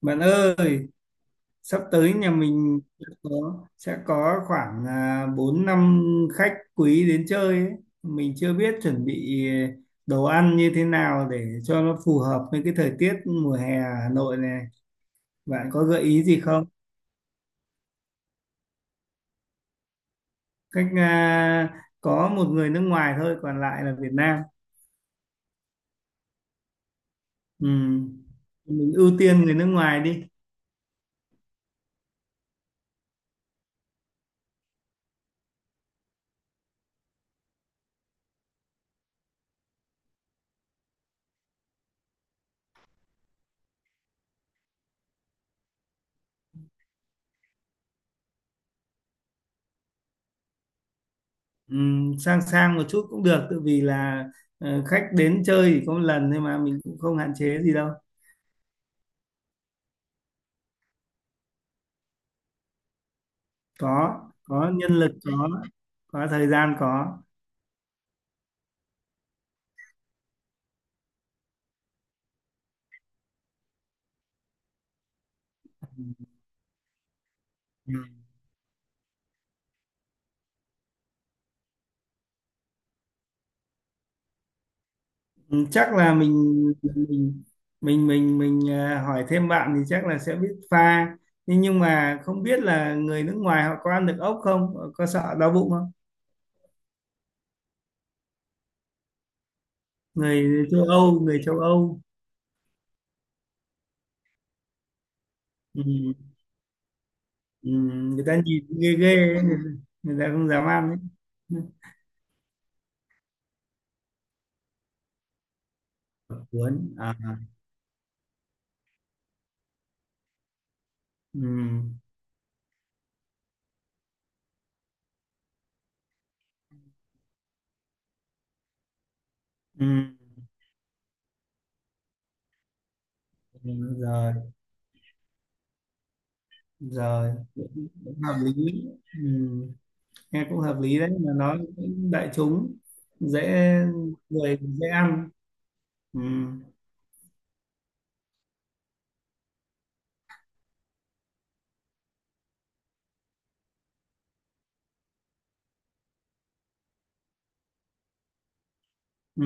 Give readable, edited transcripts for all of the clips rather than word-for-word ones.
Bạn ơi, sắp tới nhà mình sẽ có khoảng 4 năm khách quý đến chơi ấy. Mình chưa biết chuẩn bị đồ ăn như thế nào để cho nó phù hợp với cái thời tiết mùa hè ở Hà Nội này. Bạn có gợi ý gì không? Cách à, có một người nước ngoài thôi, còn lại là Việt Nam. Ừ. Mình ưu tiên người nước ngoài đi. Ừ, sang sang một chút cũng được, tự vì là khách đến chơi chỉ có một lần thôi mà mình cũng không hạn chế gì đâu. Có nhân lực, có thời gian, có. Ừ. Ừ, chắc là mình mình hỏi thêm bạn thì chắc là sẽ biết pha, nhưng mà không biết là người nước ngoài họ có ăn được ốc không? Họ có sợ đau bụng không? Người châu Âu. Ừ. Ừ. Người ta nhìn ghê ghê ấy, người ta không dám ăn ấy. Cuốn à? Ừ. Ừ. Ừ. rồi rồi Cũng hợp lý. Ừ. Nghe cũng hợp lý đấy, mà nó cũng đại chúng, dễ. Người dễ ăn. Ừ. Ừ.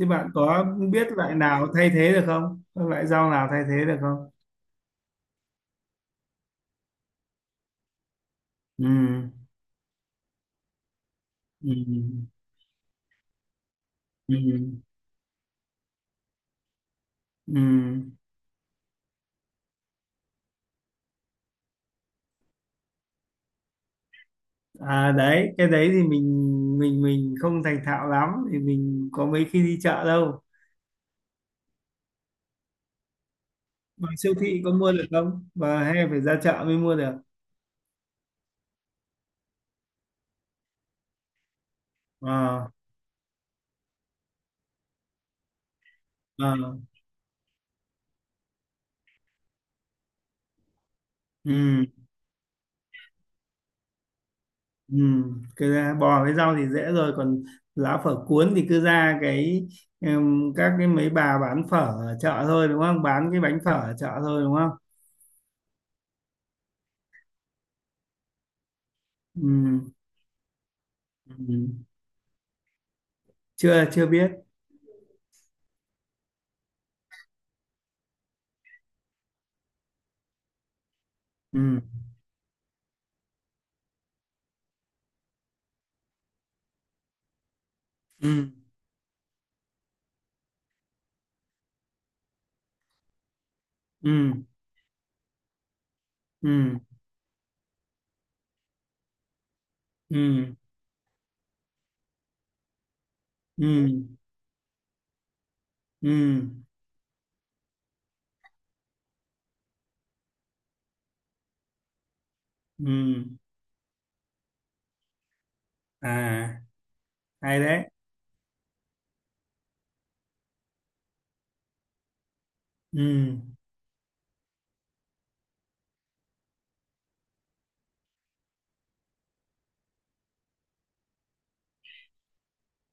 Thế bạn có biết loại nào thay thế được không? Có loại rau nào thay thế được không? Ừ. Ừ. Ừ. Ừ. À đấy, cái đấy thì mình không thành thạo lắm, thì mình có mấy khi đi chợ đâu. Mà siêu thị có mua được không? Và hay phải ra chợ mới mua được? Ờ. Ờ. Ừ. Ừ, cứ ra bò với rau thì dễ rồi, còn lá phở cuốn thì cứ ra cái, các cái mấy bà bán phở ở chợ thôi đúng không, bán cái bánh phở ở chợ thôi đúng không? Ừ, ừ, chưa chưa biết. Ừ, ừ, ừ, ừ, ừ, ừ, ừ, ừ. À hay đấy. Ừ,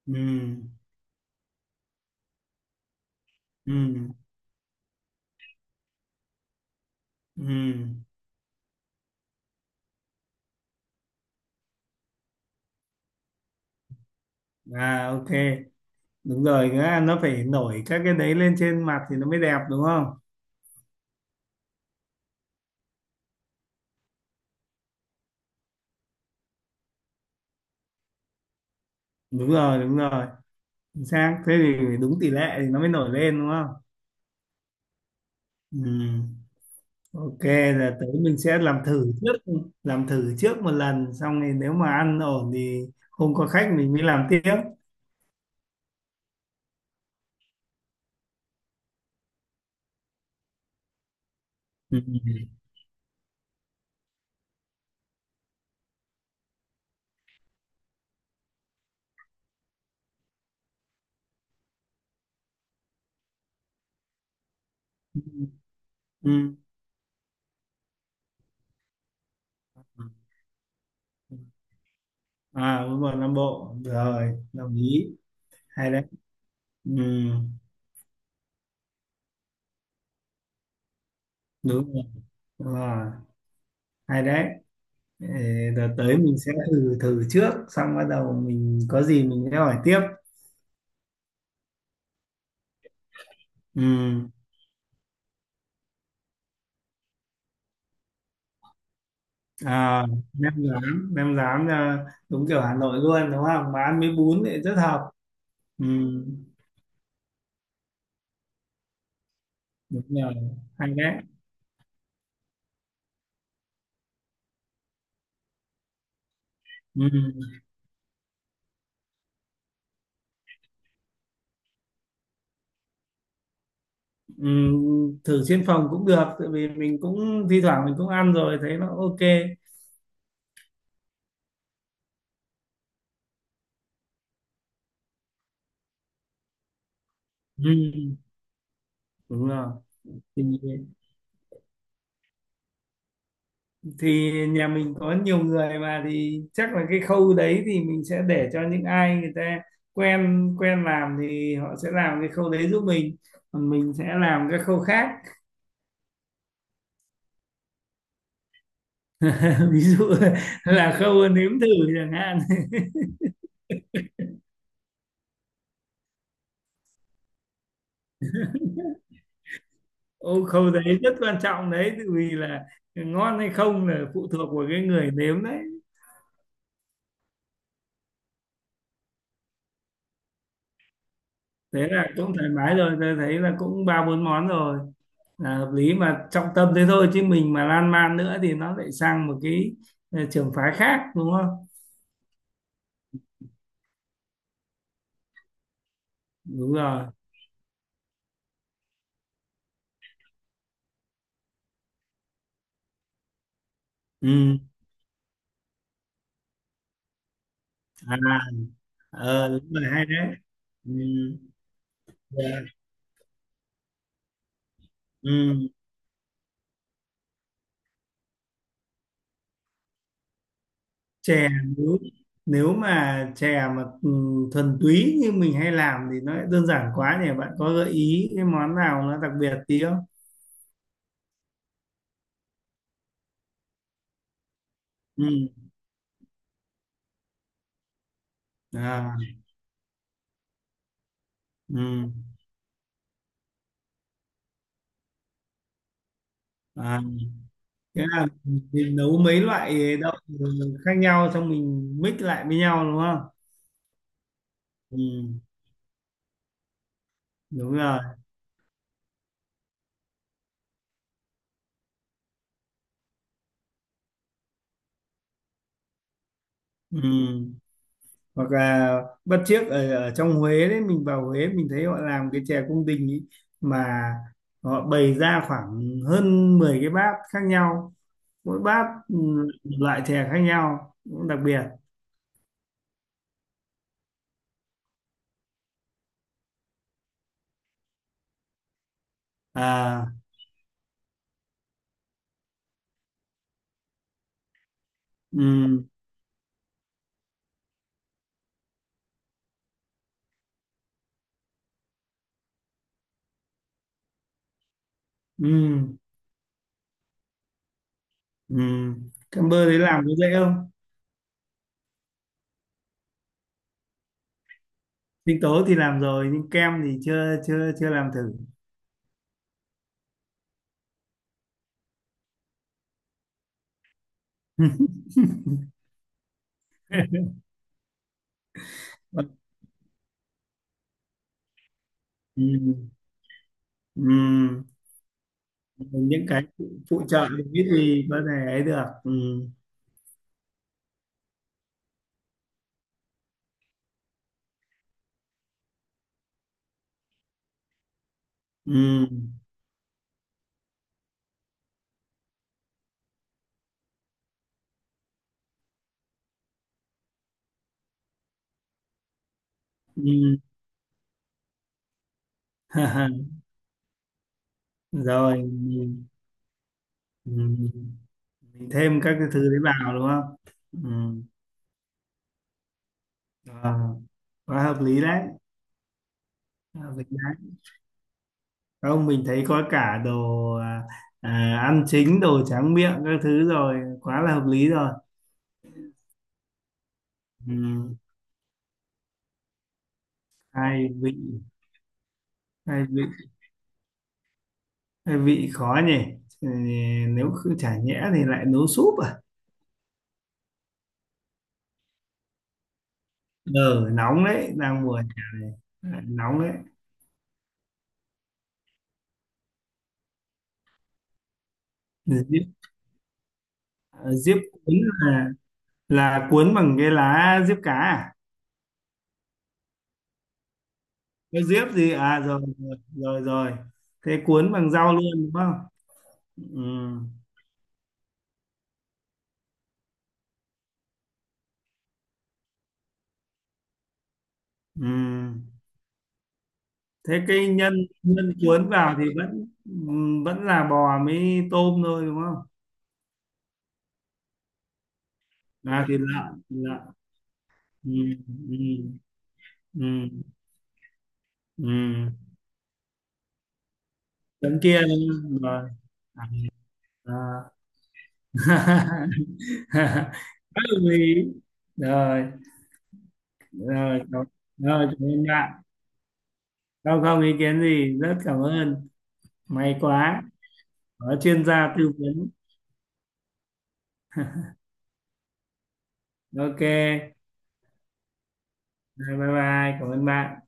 ừ, ừ, ừ. À ok, đúng rồi, nữa nó phải nổi các cái đấy lên trên mặt thì nó mới đẹp đúng không? Đúng rồi, đúng rồi. Chính xác, thế thì đúng tỷ lệ thì nó mới nổi lên đúng không? Ừ. Ok, là tới mình sẽ làm thử trước, làm thử trước một lần xong thì nếu mà ăn ổn thì không có khách mình mới làm tiếp. Ừ. Ừ. À đúng rồi, Nam Bộ rồi, đồng ý. Hay đấy. Ừ. Đúng rồi. Đúng rồi. Hay đấy. Ờ. Rồi tới mình sẽ thử thử trước, xong bắt đầu mình có gì mình sẽ hỏi tiếp. Ừ. à, Nem rán, đúng kiểu Hà Nội luôn đúng không, mà ăn với bún thì rất hợp. Ừ, đúng rồi. Hay đấy. Ừ, ừ, thử trên phòng cũng được, tại vì mình cũng thi thoảng mình cũng ăn rồi thấy nó ok. Ừ, đúng rồi. thì, thì nhà mình có nhiều người mà, thì chắc là cái khâu đấy thì mình sẽ để cho những ai người ta quen quen làm thì họ sẽ làm cái khâu đấy giúp mình, còn mình sẽ làm cái khâu khác. Ví dụ là khâu nếm thử chẳng hạn. Ô khâu đấy rất quan trọng đấy, tự vì là ngon hay không là phụ thuộc vào cái người nếm đấy. Thế là cũng thoải mái rồi, tôi thấy là cũng ba bốn món rồi, là hợp lý, mà trọng tâm thế thôi chứ mình mà lan man nữa thì nó lại sang một cái trường phái khác đúng không? Đúng rồi. Ừ. À. Ờ đúng rồi, hay đấy. Ừ. Dạ. Ừ. Chè, nếu nếu mà chè mà thuần túy như mình hay làm thì nó lại đơn giản quá nhỉ, bạn có gợi ý cái món nào nó đặc biệt tí không? Ừ. À. Ừ. À thế là mình nấu mấy loại đậu khác nhau xong mình mix lại với nhau đúng không? Ừ, đúng rồi. Ừ. Hoặc là bất chiếc ở, ở trong Huế đấy, mình vào Huế mình thấy họ làm cái chè cung đình ý, mà họ bày ra khoảng hơn 10 cái bát khác nhau, mỗi bát một loại chè khác nhau, cũng đặc biệt. À. Ừ. Ừ. Ừ. Kem bơ đấy làm có dễ không? Sinh tố thì làm rồi, nhưng kem thì chưa chưa chưa làm thử. Ừ, ừ. Những cái phụ phụ trợ thì biết gì có thể ấy được. Ừ. Ừ. Ừ. Rồi mình, mình thêm các cái thứ đấy vào đúng không? Ừ. À, quá hợp lý đấy. Hợp lý đấy. Không, mình thấy có cả đồ ăn chính, đồ tráng miệng các thứ rồi, quá là hợp lý rồi. Ừ. Hai vị. Hai vị, hai vị khó nhỉ. Ừ, nếu cứ chả nhẽ thì lại nấu súp à? Ờ nóng đấy, đang mùa chả này, lại nóng đấy. Diếp, à, diếp cuốn là là cuốn bằng cái lá diếp cá à? Cái diếp gì à, rồi rồi rồi rồi. Thế cuốn bằng rau luôn đúng không? Ừ, ừ. Thế cái nhân, nhân cuốn vào thì vẫn vẫn là bò mới tôm thôi đúng không? À thì lợn, thịt lợn. Ừ, ừ, ừ, ừ. Tấm kia đúng không? Rồi. À. Bất đồng ý. Rồi. rồi cảm- Rồi cảm ơn bạn, không không ý kiến gì, rất cảm ơn. May quá có chuyên gia tư vấn. Ok. Rồi bye bye, cảm ơn bạn.